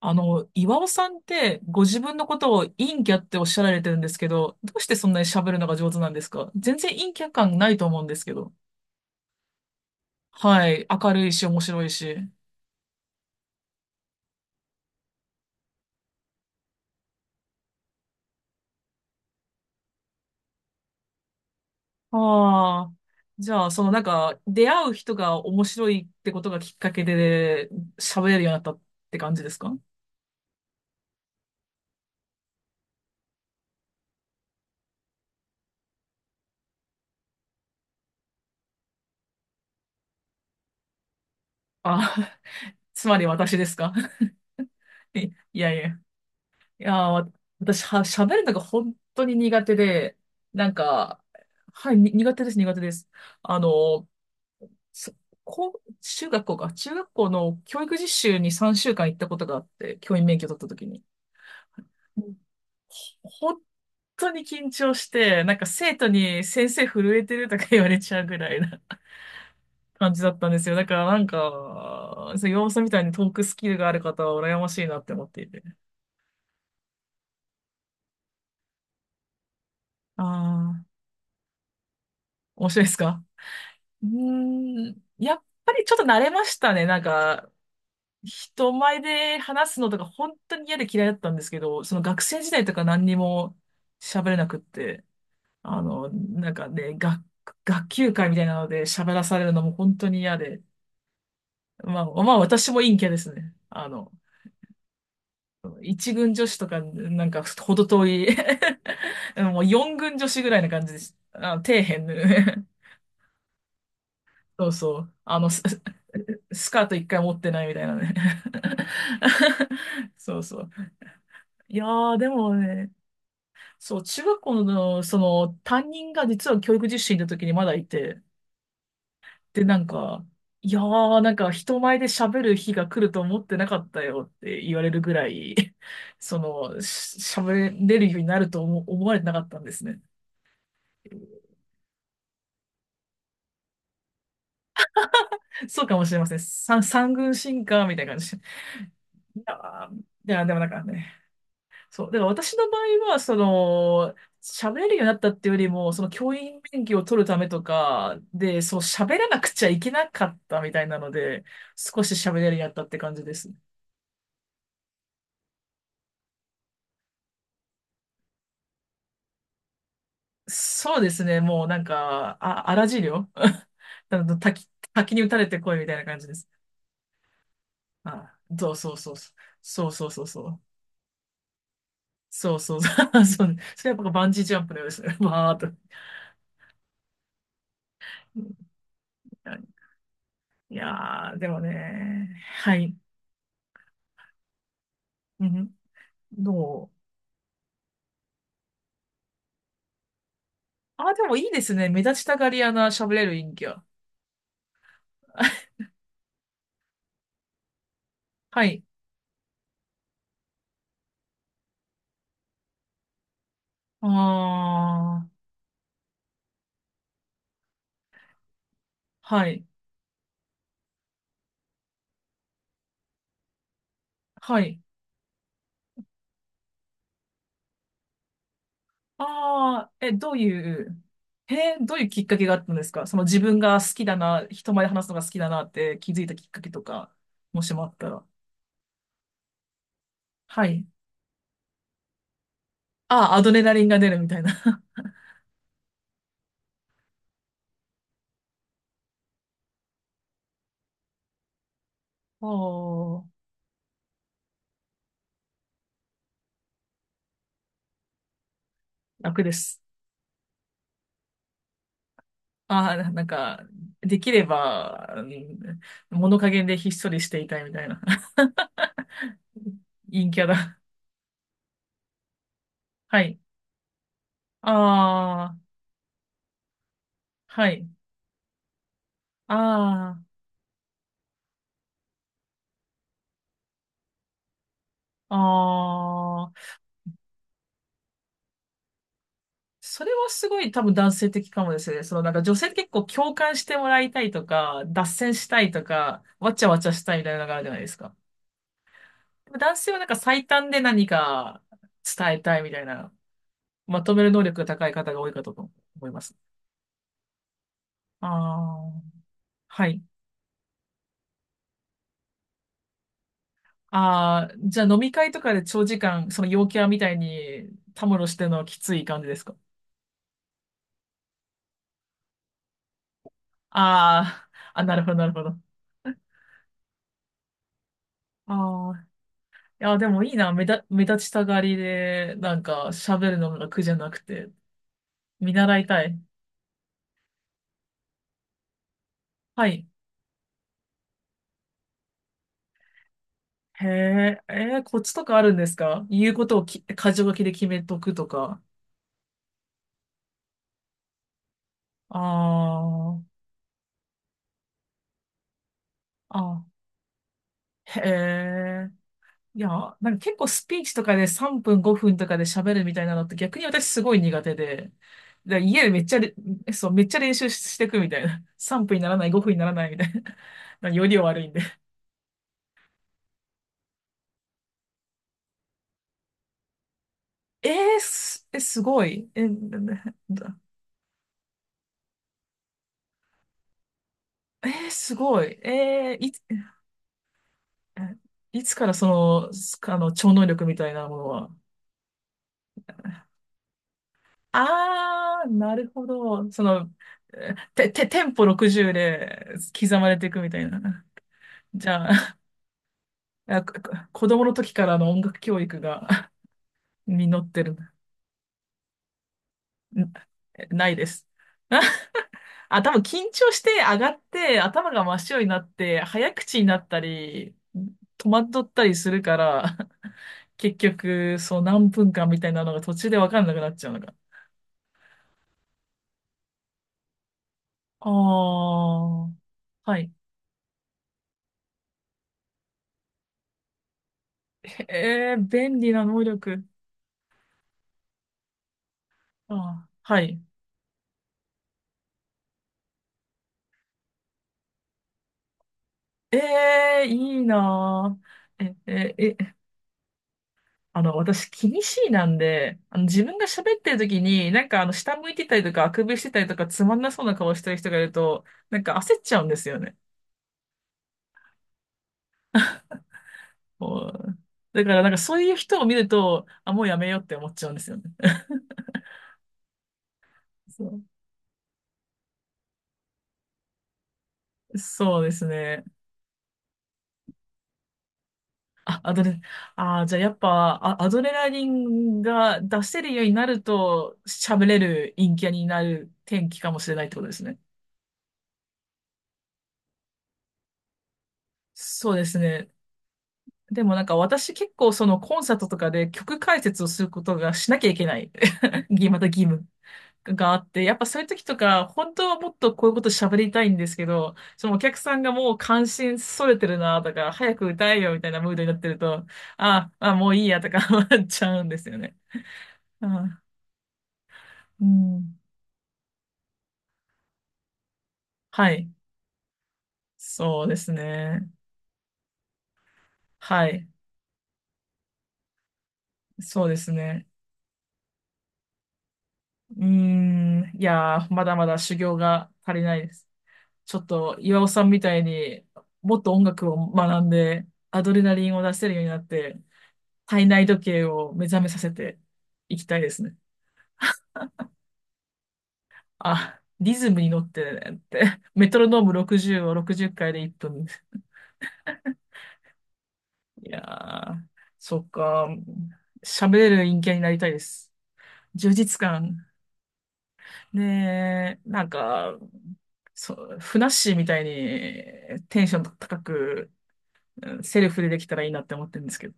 岩尾さんってご自分のことを陰キャっておっしゃられてるんですけど、どうしてそんなに喋るのが上手なんですか？全然陰キャ感ないと思うんですけど。はい。明るいし、面白いし。ああ。じゃあ、そのなんか、出会う人が面白いってことがきっかけで喋れるようになったって感じですか？あ、つまり私ですか？ いやいや。いや、私は、喋るのが本当に苦手で、なんか、はい、に苦手です、苦手です。あの、そこう、中学校の教育実習に3週間行ったことがあって、教員免許取った時に。うん。ほ本当に緊張して、なんか生徒に先生震えてるとか言われちゃうぐらいな 感じだったんですよ。だからなんか、そう、要素みたいにトークスキルがある方は羨ましいなって思っていて。ああ、面白いですか？うーん、やっぱりちょっと慣れましたね。なんか、人前で話すのとか本当に嫌で嫌いだったんですけど、その学生時代とか何にも喋れなくって、あの、なんかね、学級会みたいなので喋らされるのも本当に嫌で、まあ、まあ私も陰キャですね。あの、一軍女子とか、なんかほど遠い。 もう四軍女子ぐらいな感じです。あの、底辺ね。そうそう。スカート一回持ってないみたいなね。そうそう。いやー、でもね、そう、中学校の、その、担任が実は教育実習の時にまだいて、で、なんか、いやー、なんか人前で喋る日が来ると思ってなかったよって言われるぐらい、喋れるようになると思われてなかったんですね。そうかもしれません。三軍進化みたいな感じ。いやー、いや、でもなんかね、そう。だから私の場合は、その、喋れるようになったっていうよりも、その教員免許を取るためとかで、そう喋らなくちゃいけなかったみたいなので、少し喋れるようになったって感じです。そうですね。もうなんか、あ、荒治療。 あの滝、滝に打たれてこいみたいな感じです。あ、そうそうそうそう。そうそうそうそう。そうそう。 そう。それはやっぱバンジージャンプのようですね。わーっと。いやー、でもね。はい。うん。どう？あ、でもいいですね。目立ちたがり屋な喋れる陰キャ。はい。ああ、はい。はい。ああ、え、どういう、え、どういうきっかけがあったんですか？その自分が好きだな、人前で話すのが好きだなって気づいたきっかけとか、もしもあったら。はい。ああ、アドレナリンが出るみたいな。おー、楽です。ああ、なんか、できれば、うん、物陰でひっそりしていたいみたいな。陰キャだ。はい。あ、はい。ああ、ああ、それはすごい多分男性的かもですね。そのなんか女性って結構共感してもらいたいとか、脱線したいとか、わちゃわちゃしたいみたいなのがあるじゃないですか。でも男性はなんか最短で何か伝えたいみたいな、まとめる能力が高い方が多いかと思います。ああ、はい。ああ、じゃあ飲み会とかで長時間、その陽キャみたいにたむろしてるのはきつい感じですか？ああー、あ、なるほど、なるほど。あ、いや、でもいいな。目立ちたがりで、なんか喋るのが苦じゃなくて、見習いたい。はい。へえ、えーコツとかあるんですか？言うことをき、箇条書きで決めとくとか。あー、あ、へえ。いや、なんか結構スピーチとかで3分5分とかで喋るみたいなのって逆に私すごい苦手で、で家でめっちゃれ、そう、めっちゃ練習ししてくみたいな。3分にならない、5分にならないみたいな。より悪いんで。えー、え、すごい。え、ななだ、えーすごい。えーいつ、え、いつからその、あの、超能力みたいなものは。あー、なるほど。その、えて、て、テンポ60で刻まれていくみたいな。じゃあ、あここ子供の時からの音楽教育が 実ってる。ん、ないです。あ、多分緊張して上がって頭が真っ白になって早口になったり戸惑ったりするから、 結局そう何分間みたいなのが途中で分かんなくなっちゃうのが。ああ、はい。えー、便利な能力。あー、はい。えー、いいなー。え、え、え、あの、私、気にしいなんで、あの、自分が喋ってる時に、なんか、あの、下向いてたりとか、あくびしてたりとか、つまんなそうな顔してる人がいると、なんか焦っちゃうんですよね。こう、だからなんかそういう人を見ると、あ、もうやめようって思っちゃうんですよね。そう、そうですね。あ、アドレ、あー、じゃあやっぱ、あ、アドレナリンが出せるようになると、喋れる陰キャになる天気かもしれないってことですね。そうですね。でもなんか私結構そのコンサートとかで曲解説をすることがしなきゃいけない。また義務。があって、やっぱそういう時とか、本当はもっとこういうこと喋りたいんですけど、そのお客さんがもう関心それてるなとか、早く歌えよみたいなムードになってると、ああ、もういいやとか 思っちゃうんですよね。あ、うん。はい。そうですね。はい。そうですね。うーん。いやー、まだまだ修行が足りないです。ちょっと、岩尾さんみたいにもっと音楽を学んで、アドレナリンを出せるようになって、体内時計を目覚めさせていきたいですね。あ、リズムに乗ってねって。メトロノーム60を60回で一分。いやー、そっか。喋れる陰キャになりたいです。充実感。ねえ、なんか、そう、ふなっしーみたいにテンション高く、うんセルフでできたらいいなって思ってるんですけど。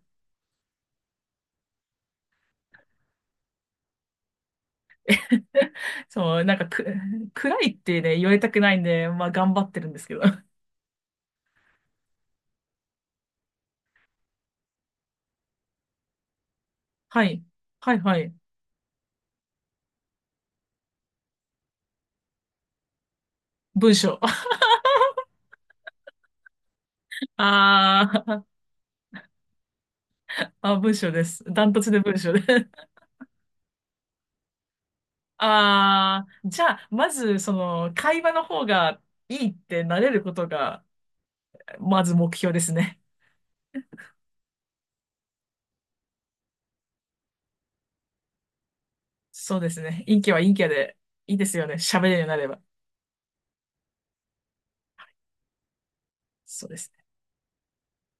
そう、なんかく、暗いってね、言われたくないんで、まあ頑張ってるんですけど。はい。はいはい。文章。あー、あ、文章です。ダントツで文章で。 ああ、じゃあ、まず、その、会話の方がいいってなれることが、まず目標ですね。そうですね。陰キャは陰キャで、いいですよね。喋れるようになれば。そうです。